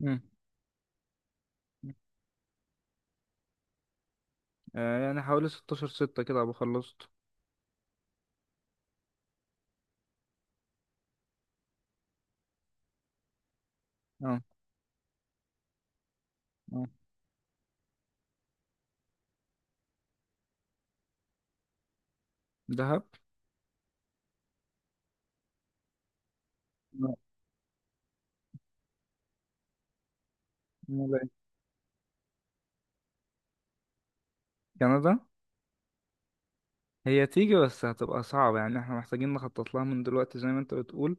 مم. آه يعني حوالي 16 ستة كده أبقى خلصت. اه. اه. دهب. لا. لا. كندا. هي تيجي، بس هتبقى صعبة، يعني احنا محتاجين نخطط لها من دلوقتي زي ما انت بتقول.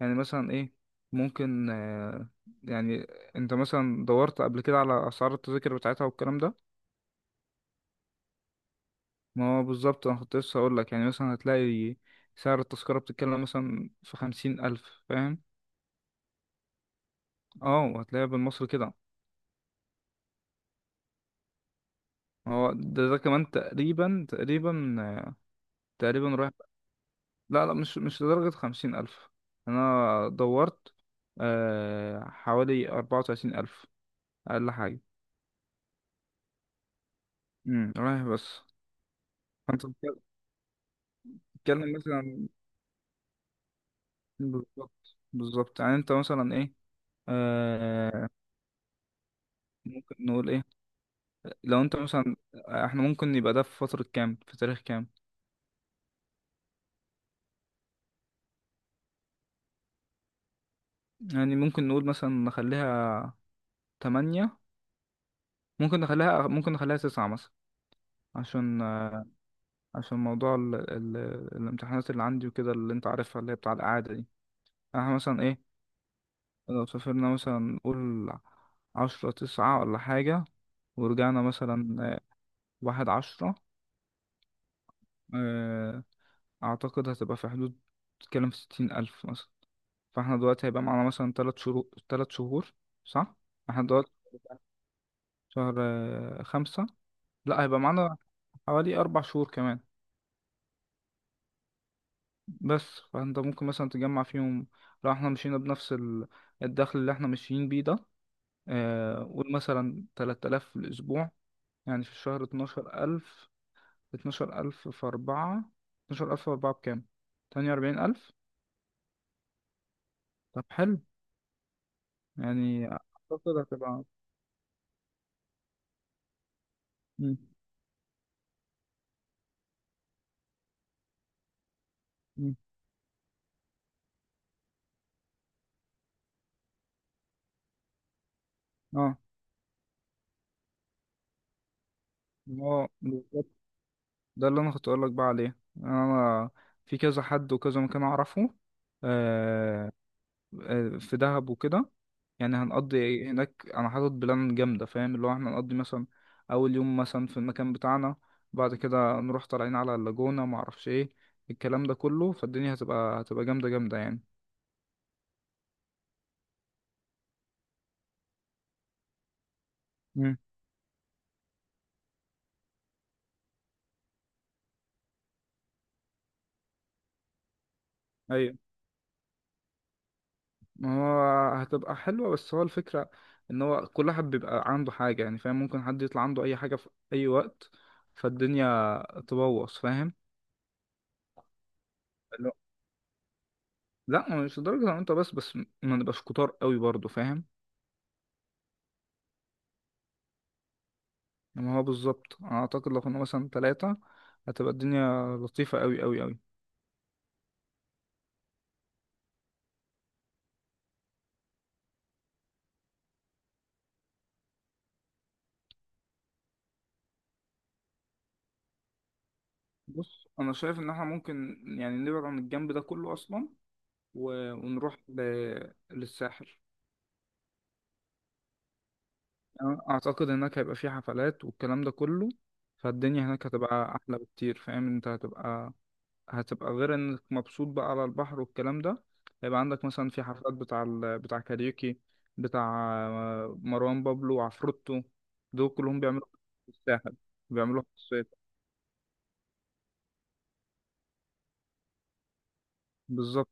يعني مثلا ايه، ممكن يعني انت مثلا دورت قبل كده على اسعار التذاكر بتاعتها والكلام ده. ما هو بالظبط انا كنت لسه هقول لك، يعني مثلا هتلاقي سعر التذكرة بتتكلم مثلا في خمسين ألف، فاهم؟ اه، وهتلاقيها بالمصري كده. ما هو ده كمان تقريبا رايح. لا لا، مش لدرجة خمسين ألف. أنا دورت، آه حوالي أربعة وتلاتين ألف أقل حاجة. امم، رايح بس. فأنت بتك- بتتكلم مثلا. بالظبط بالظبط، يعني أنت مثلا إيه، آه ممكن نقول إيه، لو أنت مثلا إحنا ممكن يبقى ده في فترة كام في تاريخ كام؟ يعني ممكن نقول مثلا نخليها تمانية، ممكن نخليها، ممكن نخليها تسعة مثلا، عشان عشان موضوع الامتحانات اللي عندي وكده، اللي أنت عارفها، اللي هي بتاع الإعادة دي. احنا مثلا ايه، لو سافرنا مثلا نقول عشرة تسعة ولا حاجة، ورجعنا مثلا واحد عشرة. آه، أعتقد هتبقى في حدود، تتكلم في ستين ألف مثلا. فاحنا دلوقتي هيبقى معانا مثلا تلات شهور تلات شهور، صح؟ احنا دلوقتي شهر خمسة. لا، هيبقى معانا حوالي أربع شهور كمان. بس فانت ممكن مثلا تجمع فيهم، لو احنا مشينا بنفس الدخل اللي احنا ماشيين بيه ده. قول مثلا تلات آلاف في الأسبوع، يعني في الشهر اتناشر ألف. اتناشر ألف في أربعة، اتناشر ألف في أربعة بكام؟ تمانية وأربعين ألف؟ طب حلو، يعني أعتقد هتبقى. مم. مم. اه هو بالظبط، ده اللي أنا كنت أقولك بقى عليه. يعني أنا في كذا حد وكذا مكان أعرفه، آه في دهب وكده. يعني هنقضي هناك، انا حاطط بلان جامده، فاهم؟ اللي هو احنا هنقضي مثلا اول يوم مثلا في المكان بتاعنا، بعد كده نروح طالعين على اللاجونه، ما اعرفش ايه الكلام ده كله. فالدنيا هتبقى جامده جامده يعني. مم. ايوه، ما هو هتبقى حلوه، بس هو الفكره ان هو كل واحد بيبقى عنده حاجه يعني، فاهم؟ ممكن حد يطلع عنده اي حاجه في اي وقت، فالدنيا تبوظ، فاهم؟ اللي هو- لا مش لدرجه ان انت بس، بس ما نبقاش كتار قوي برضه، فاهم؟ ما هو بالظبط، انا اعتقد لو كنا مثلا ثلاثة هتبقى الدنيا لطيفة قوي قوي قوي. بص انا شايف ان احنا ممكن يعني نبعد عن الجنب ده كله اصلا، ونروح للساحل. أنا اعتقد هناك هيبقى في حفلات والكلام ده كله، فالدنيا هناك هتبقى احلى بكتير، فاهم؟ انت هتبقى، هتبقى غير انك مبسوط بقى على البحر والكلام ده، هيبقى عندك مثلا في حفلات بتاع بتاع كاريوكي، بتاع مروان بابلو وعفروتو. دول كلهم بيعملوا في الساحل، بيعملوها في الصيف. بالظبط.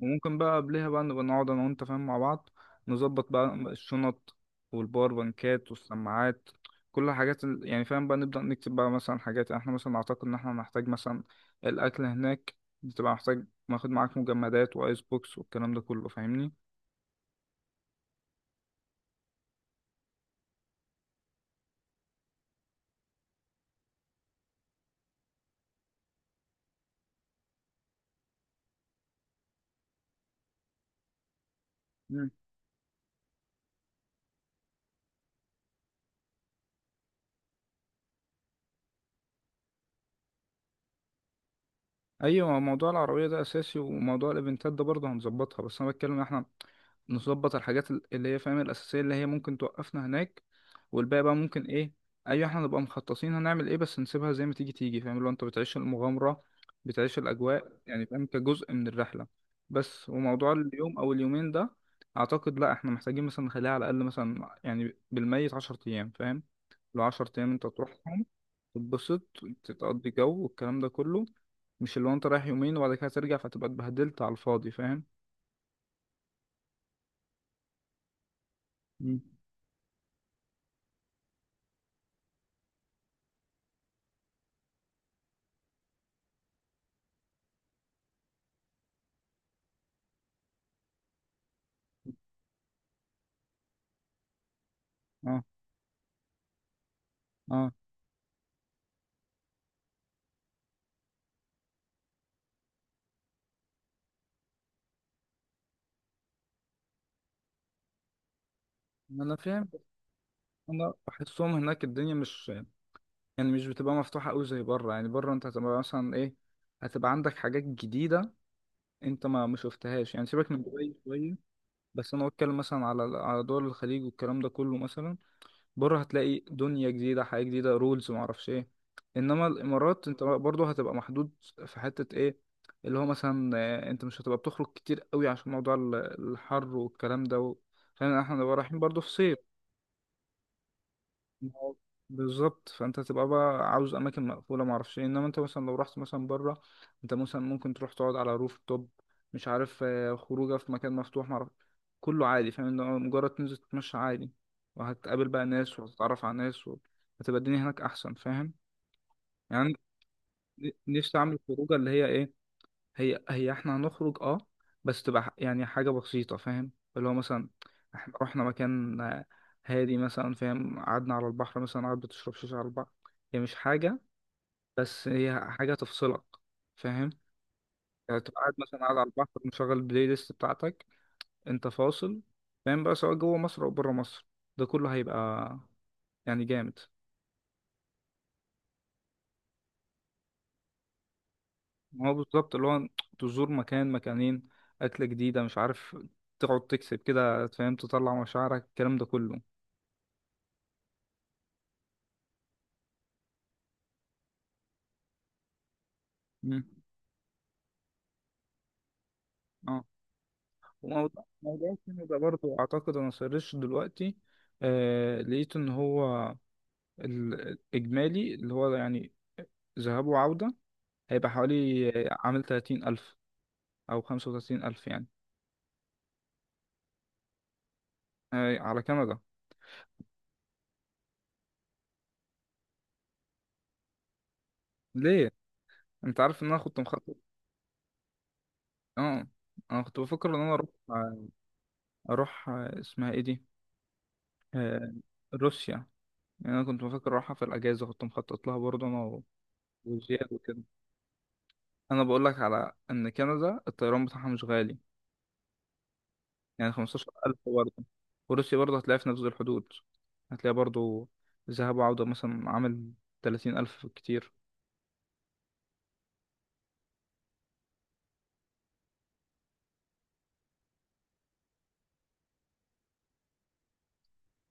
وممكن بقى قبلها بقى نبقى نقعد انا وانت، فاهم؟ مع بعض نظبط بقى الشنط والباور بانكات والسماعات، كل حاجات يعني، فاهم؟ بقى نبدأ نكتب بقى مثلا حاجات، يعني احنا مثلا نعتقد ان احنا هنحتاج مثلا الاكل هناك، بتبقى محتاج ناخد معاك مجمدات وايس بوكس والكلام ده كله، فاهمني؟ ايوه، موضوع العربيه ده اساسي، وموضوع الايفنتات ده برضه هنظبطها، بس انا بتكلم إن احنا نظبط الحاجات اللي هي فاهم الاساسيه اللي هي ممكن توقفنا هناك، والباقي بقى ممكن ايه، ايوه احنا نبقى مخططين هنعمل ايه، بس نسيبها زي ما تيجي تيجي، فاهم؟ لو انت بتعيش المغامره، بتعيش الاجواء يعني، فاهم؟ كجزء من الرحله. بس وموضوع اليوم او اليومين ده، اعتقد لا احنا محتاجين مثلا نخليها على الاقل مثلا يعني بالميت 10 ايام، فاهم؟ لو 10 ايام انت تروحهم، تتبسط، تقضي جو والكلام ده كله. مش اللي هو انت رايح يومين وبعد كده ترجع، فتبقى اتبهدلت على الفاضي، فاهم؟ مم. اه. اه. انا فاهم، بس انا بحسهم هناك الدنيا مش يعني، مش بتبقى مفتوحه قوي زي بره، يعني بره انت هتبقى مثلا ايه، هتبقى عندك حاجات جديده انت ما شفتهاش، يعني سيبك من دبي شويه، بس انا بتكلم مثلا على دول الخليج والكلام ده كله مثلا. بره هتلاقي دنيا جديدة، حياة جديدة، رولز، معرفش ايه. انما الامارات انت برضه هتبقى محدود في حتة ايه، اللي هو مثلا انت مش هتبقى بتخرج كتير قوي عشان موضوع الحر والكلام ده فاهم؟ احنا نبقى رايحين برضه في صيف. ما هو بالظبط، فانت هتبقى بقى عاوز اماكن مقفوله، ما اعرفش إيه. انما انت مثلا لو رحت مثلا بره، انت مثلا ممكن تروح تقعد على روف توب، مش عارف خروجه في مكان مفتوح، ما اعرف، كله عادي، فاهم؟ إن هو مجرد تنزل تتمشى عادي وهتقابل بقى ناس وهتتعرف على ناس هتبقى الدنيا هناك احسن، فاهم؟ يعني أنا نفسي اعمل خروجه اللي هي ايه، هي هي احنا هنخرج اه، بس تبقى يعني حاجة بسيطة، فاهم؟ اللي هو مثلا احنا رحنا مكان هادي مثلا، فاهم؟ قعدنا على البحر مثلا، قاعد بتشرب شاي على البحر، هي مش حاجة، بس هي حاجة تفصلك، فاهم؟ يعني تبقى قاعد مثلا قاعد على البحر مشغل البلاي ليست بتاعتك، انت فاصل، فاهم؟ بقى سواء جوه مصر او بره مصر، ده كله هيبقى يعني جامد. ما هو بالظبط، اللي هو تزور مكان مكانين، أكلة جديدة، مش عارف، تقعد تكسب كده، فاهم؟ تطلع مشاعرك الكلام ده كله. مم. اه. وموضوع الفيلم ده برضه اعتقد انا سرشت دلوقتي، آه لقيت ان هو الاجمالي اللي هو يعني ذهاب وعودة هيبقى حوالي عامل تلاتين الف او خمسة وتلاتين الف يعني. آه، على كندا. ليه؟ انت عارف ان انا كنت مخطط. اه، انا كنت بفكر ان انا اروح اروح اسمها ايه دي، آه روسيا. يعني انا كنت بفكر اروحها في الاجازة، كنت مخطط لها برضه انا وزياد وكده. انا بقول لك على ان كندا الطيران بتاعها مش غالي، يعني 15000 برضه. وروسيا برضه هتلاقيها في نفس الحدود، هتلاقيها برضه ذهاب وعودة مثلا عامل 30000، كتير.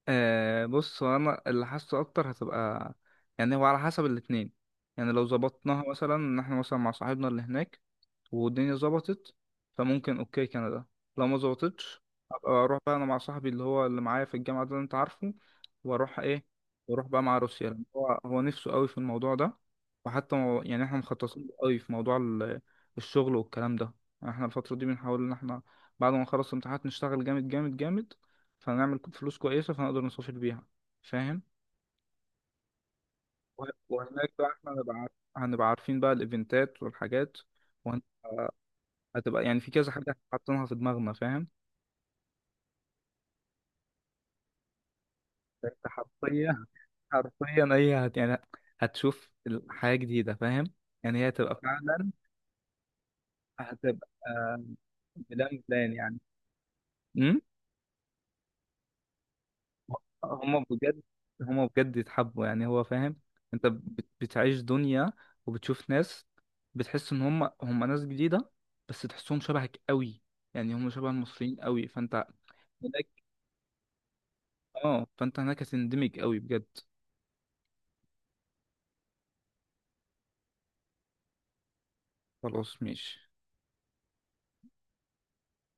آه، بص هو أنا اللي حاسه أكتر هتبقى، يعني هو على حسب الاتنين. يعني لو ظبطناها مثلا إن إحنا مثلا مع صاحبنا اللي هناك والدنيا ظبطت، فممكن اوكي كندا. لو ما ظبطتش، ابقى اروح بقى انا مع صاحبي اللي هو اللي معايا في الجامعه ده اللي انت عارفه، واروح ايه، واروح بقى مع روسيا، لأن هو نفسه قوي في الموضوع ده. وحتى يعني احنا مخططين له قوي في موضوع الشغل والكلام ده. يعني احنا الفتره دي بنحاول ان احنا بعد ما نخلص الامتحانات نشتغل جامد جامد جامد، فنعمل فلوس كويسه فنقدر نسافر بيها، فاهم؟ وهناك بقى احنا هنبقى عارفين بقى الايفنتات والحاجات، هتبقى يعني في كذا حاجة حاطينها في دماغنا، فاهم؟ انت حرفيا، حرفيا اي يعني هتشوف حاجة جديدة، فاهم؟ يعني هي هتبقى فعلا، هتبقى بلان بلان يعني. امم. هما بجد، هما بجد يتحبوا يعني هو، فاهم؟ انت بتعيش دنيا وبتشوف ناس، بتحس ان هما ناس جديدة، بس تحسهم شبهك قوي، يعني هما شبه المصريين قوي، فانت هناك. اه، فانت هناك هتندمج قوي بجد. خلاص ماشي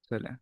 سلام.